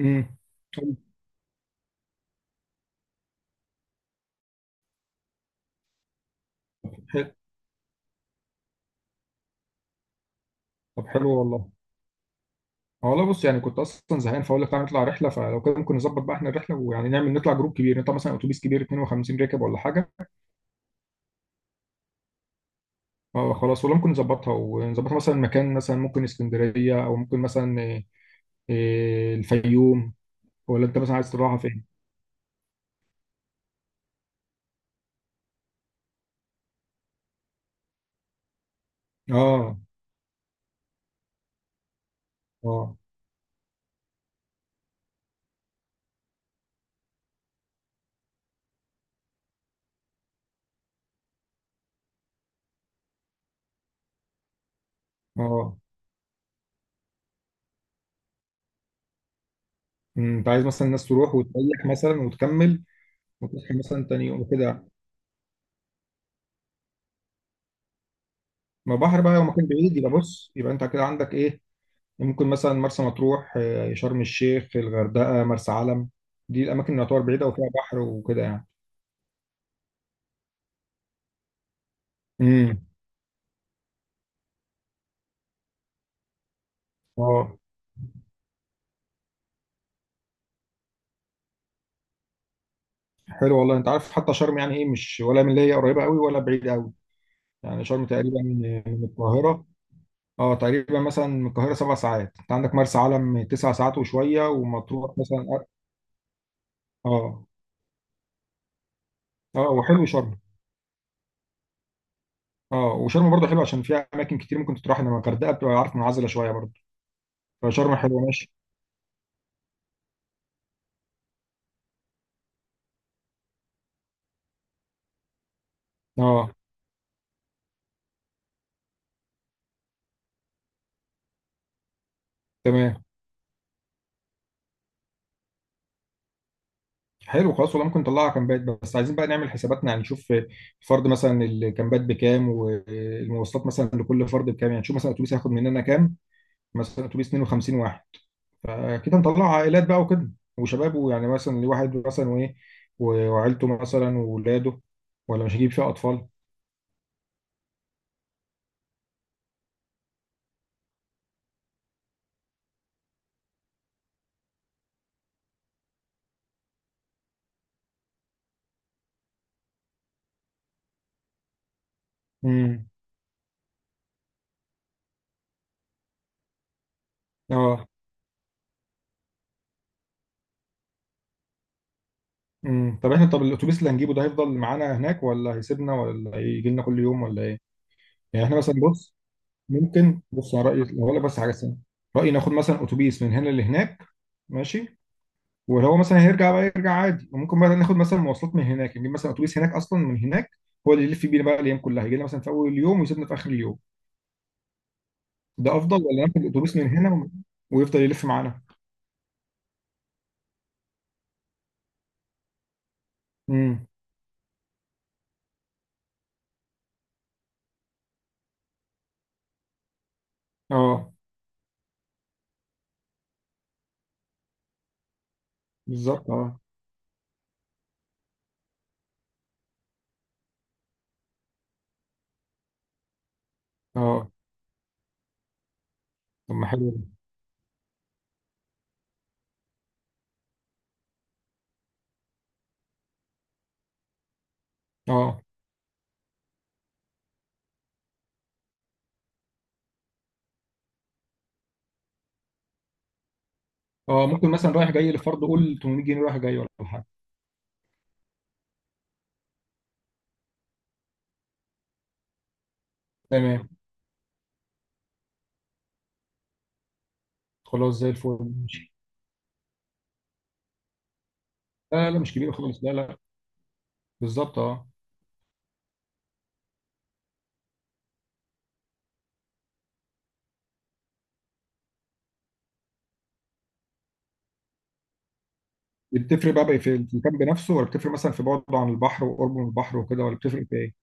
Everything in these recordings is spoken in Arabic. امم طب حلو طب حلو والله. اه والله، بص يعني كنت اصلا زهقان فاقول لك تعالى نطلع رحله، فلو كده ممكن نظبط بقى احنا الرحله، ويعني نعمل نطلع جروب كبير، نطلع مثلا اتوبيس كبير 52 راكب ولا حاجه. اه خلاص والله ممكن نظبطها مثلا مكان، مثلا ممكن اسكندريه او ممكن مثلا إيه، الفيوم، ولا انت مثلا عايز تروحها فين؟ اه اه اه. أمم، انت عايز مثلا الناس تروح وتريح مثلا وتكمل وتصحى مثلا تاني يوم وكده. ما بحر بقى، لو مكان بعيد يبقى بص يبقى انت كده عندك ايه. ممكن مثلا مرسى مطروح، آه، شرم الشيخ، الغردقة، مرسى علم. دي الأماكن اللي تعتبر بعيدة وفيها بحر وكده يعني. امم اه حلو والله، أنت عارف حتى شرم يعني إيه مش ولا من اللي هي قريبة قوي ولا بعيدة قوي. يعني شرم تقريبا من القاهرة. اه تقريبا مثلا من القاهرة سبع ساعات، أنت عندك مرسى علم تسع ساعات وشوية، ومطروح مثلا اه. اه وحلو شرم. اه وشرم برضه حلو عشان فيها أماكن كتير ممكن تروح، إنما الغردقة بتبقى عارف منعزلة شوية برضه. فشرم حلوة ماشي. اه تمام حلو. خلاص والله ممكن نطلعها كامبات، بس عايزين بقى نعمل حساباتنا، يعني نشوف الفرد مثلا الكامبات بكام، والمواصلات مثلا لكل فرد بكام، يعني نشوف مثلا اتوبيس هياخد مننا كام. مثلا اتوبيس 52 واحد. فكده نطلع عائلات بقى وكده وشباب، ويعني مثلا لواحد مثلا، وايه، وعيلته مثلا وولاده، ولا مش هجيب فيها اطفال. امم. اه. طب احنا طب الاتوبيس اللي هنجيبه ده هيفضل معانا هناك، ولا هيسيبنا، ولا هيجي لنا كل يوم، ولا ايه؟ يعني احنا مثلا بص، ممكن بص على رأيي، لو أقول لك بس حاجة سنة، رأيي ناخد مثلا أتوبيس من هنا لهناك ماشي، وهو مثلا هيرجع بقى يرجع عادي، وممكن بقى ناخد مثلا مواصلات من هناك، نجيب مثلا أتوبيس هناك أصلا، من هناك هو اللي يلف بينا بقى الأيام كلها، يجي لنا مثلا في أول اليوم ويسيبنا في آخر اليوم. ده أفضل ولا ناخد الأتوبيس من هنا ويفضل يلف معانا؟ امم. اه بالظبط اه اه. طب ما حلو ده. اه. اه ممكن مثلا رايح جاي، لفرض قول 800 جنيه رايح جاي ولا حاجة. تمام خلاص زي الفل ماشي. لا لا لا، مش كبير خالص لا لا. بالظبط اه. دي بتفرق بقى في المكان بنفسه، ولا بتفرق مثلا في بعده عن البحر وقربه من البحر وكده، ولا بتفرق في ايه؟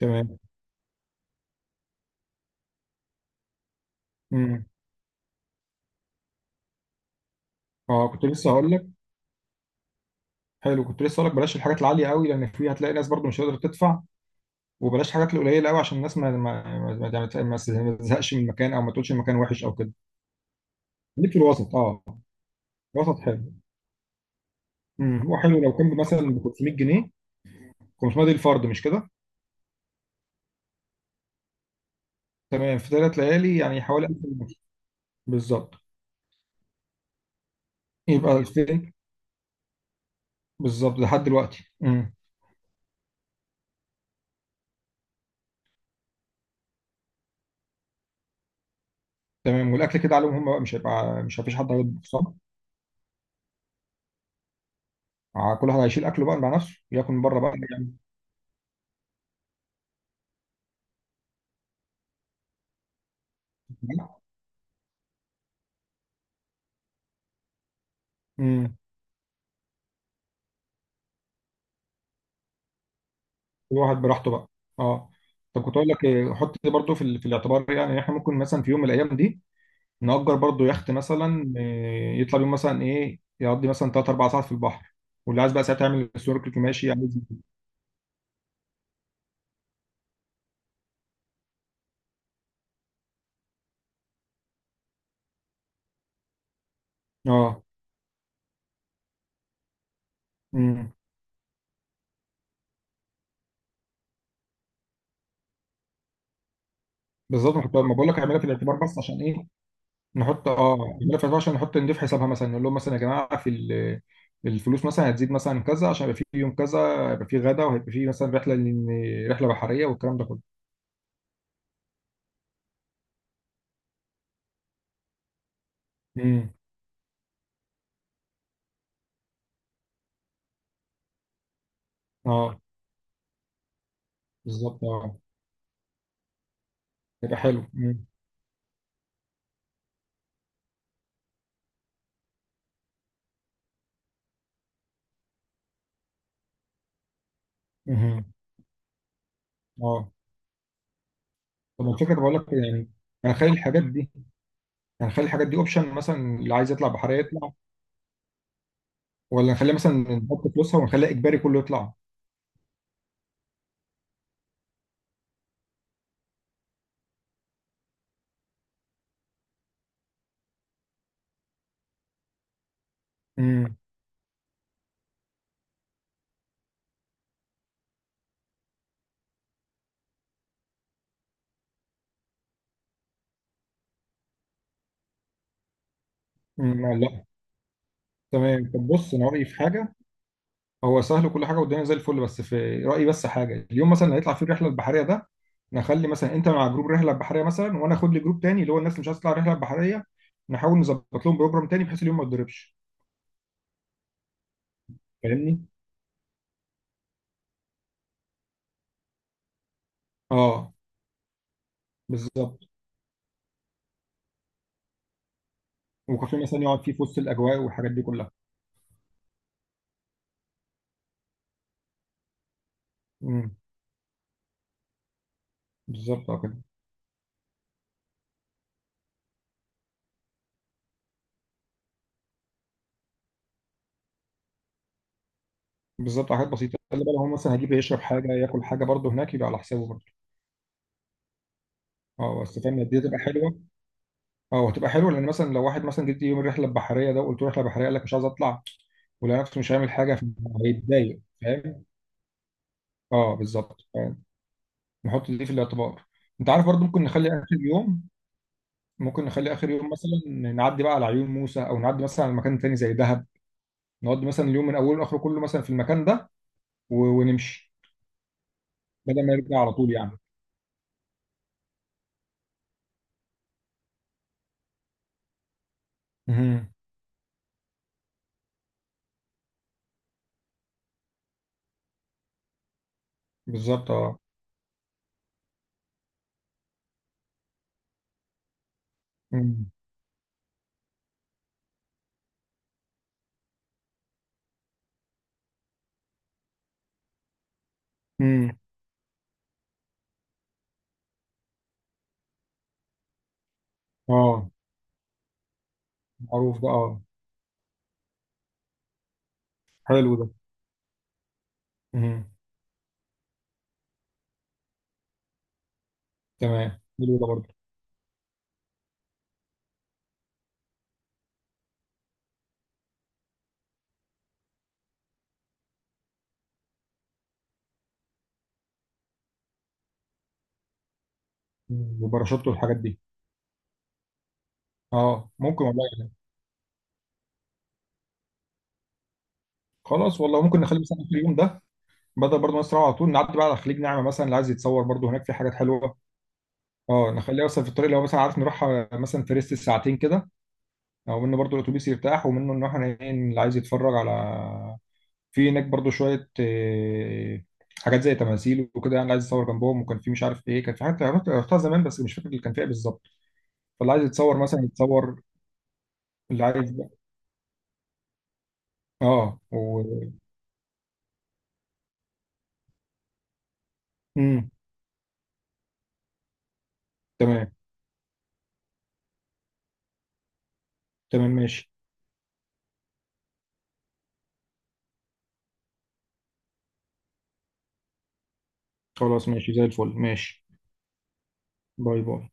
تمام. امم. اه كنت لسه هقول لك. حلو كنت لسه هقول لك بلاش الحاجات العاليه قوي، لان في هتلاقي ناس برضو مش قادره تدفع، وبلاش الحاجات القليله قوي عشان الناس ما تزهقش من المكان، او ما تقولش المكان وحش او كده. خليك في الوسط اه. الوسط حلو. هو حلو لو كان مثلا ب 500 جنيه. 500 دي الفرد مش كده؟ تمام، في ثلاث ليالي يعني حوالي 1000 ونص. بالظبط، يبقى 2000. بالظبط لحد دلوقتي، مم. تمام، والاكل كده عليهم هم بقى، مش هيبقى، مش مفيش حد هيطبخ صح؟ كل واحد هيشيل اكله بقى مع نفسه، ياكل من بره بقى يعني. امم. كل واحد براحته بقى. اه. طب كنت اقول لك إيه، حط دي برضه في الاعتبار، يعني إن احنا ممكن مثلا في يوم من الايام دي نأجر برضه يخت مثلا، إيه، يطلع بيهم مثلا ايه، يقضي مثلا 3 4 ساعات في البحر، واللي عايز بقى ساعتها يعمل سنوركل ماشي يعني. اه. امم. بالظبط، ما كنت ما بقول لك اعملها في الاعتبار بس عشان ايه. نحط اه الملف 14، نحط نضيف حسابها مثلا، نقول لهم مثلا يا جماعه الفلوس مثلا هتزيد مثلا كذا، عشان يبقى في يوم كذا هيبقى في غدا، وهيبقى في مثلا رحله رحله بحريه والكلام ده كله. امم. اه بالظبط اه. يبقى حلو. امم. أمم. اه طب الفكره بقول لك يعني، هنخلي الحاجات دي هنخلي الحاجات دي اوبشن مثلا، اللي عايز يطلع بحريه يطلع، ولا نخليها مثلا، نحط فلوسها ونخليها اجباري كله يطلع. امم. أمم، لا. تمام، طب بص انا رايي في حاجه. هو سهل وكل حاجه والدنيا زي الفل، بس في رايي بس حاجه، اليوم مثلا اللي هيطلع فيه الرحله البحريه ده، نخلي مثلا انت مع جروب رحله بحريه مثلا، وانا اخد لي جروب تاني اللي هو الناس اللي مش عايزه تطلع رحله بحريه، نحاول نظبط لهم بروجرام تاني بحيث اليوم ما يتضربش. فاهمني. اه بالظبط. وكافيه مثلا يقعد فيه في وسط الاجواء والحاجات دي كلها. امم. بالظبط اه كده. بالظبط، حاجات بسيطه، خلي بالك هو مثلا هيجيب يشرب حاجه، ياكل حاجه برضه هناك يبقى على حسابه برضه. اه بس فاهم، دي تبقى حلوه. اه هتبقى حلوه لان مثلا لو واحد مثلا جيت يوم الرحله البحريه ده وقلت له رحله بحريه قال لك مش عايز اطلع، ولو نفسه مش هيعمل حاجه. هيتضايق فاهم. اه بالظبط فاهم. نحط دي في الاعتبار. انت عارف برضو ممكن نخلي اخر يوم مثلا نعدي بقى على عيون موسى، او نعدي مثلا على مكان تاني زي دهب. نقعد مثلا اليوم من اوله لاخره كله مثلا في المكان ده ونمشي بدل ما نرجع على طول يعني. امم. بالظبط اه. امم. امم. اه. معروف ده اه. حلو ده. امم. تمام. حلو ده برضه. مم. وباراشوت والحاجات دي. اه ممكن والله يعني. خلاص والله ممكن نخلي مثلا اخر يوم ده، بدل برضه مصر على طول نعدي بقى على خليج نعمة مثلا، اللي عايز يتصور برضه هناك في حاجات حلوة. اه نخليها مثلا في الطريق، لو مثلا عارف نروح مثلا في ريست ساعتين كده، او منه برضه الاتوبيس يرتاح، ومنه ان احنا ايه اللي عايز يتفرج على. في هناك برضه شوية آه، حاجات زي تماثيل وكده يعني، اللي عايز يتصور جنبهم. وكان في مش عارف ايه، كان في حاجات رحتها زمان بس مش فاكر اللي كان فيها بالظبط. فاللي عايز يتصور مثلا يتصور. اللي عايز بقى. اه و... مم. تمام. تمام ماشي. خلاص ماشي زي الفل ماشي. باي باي.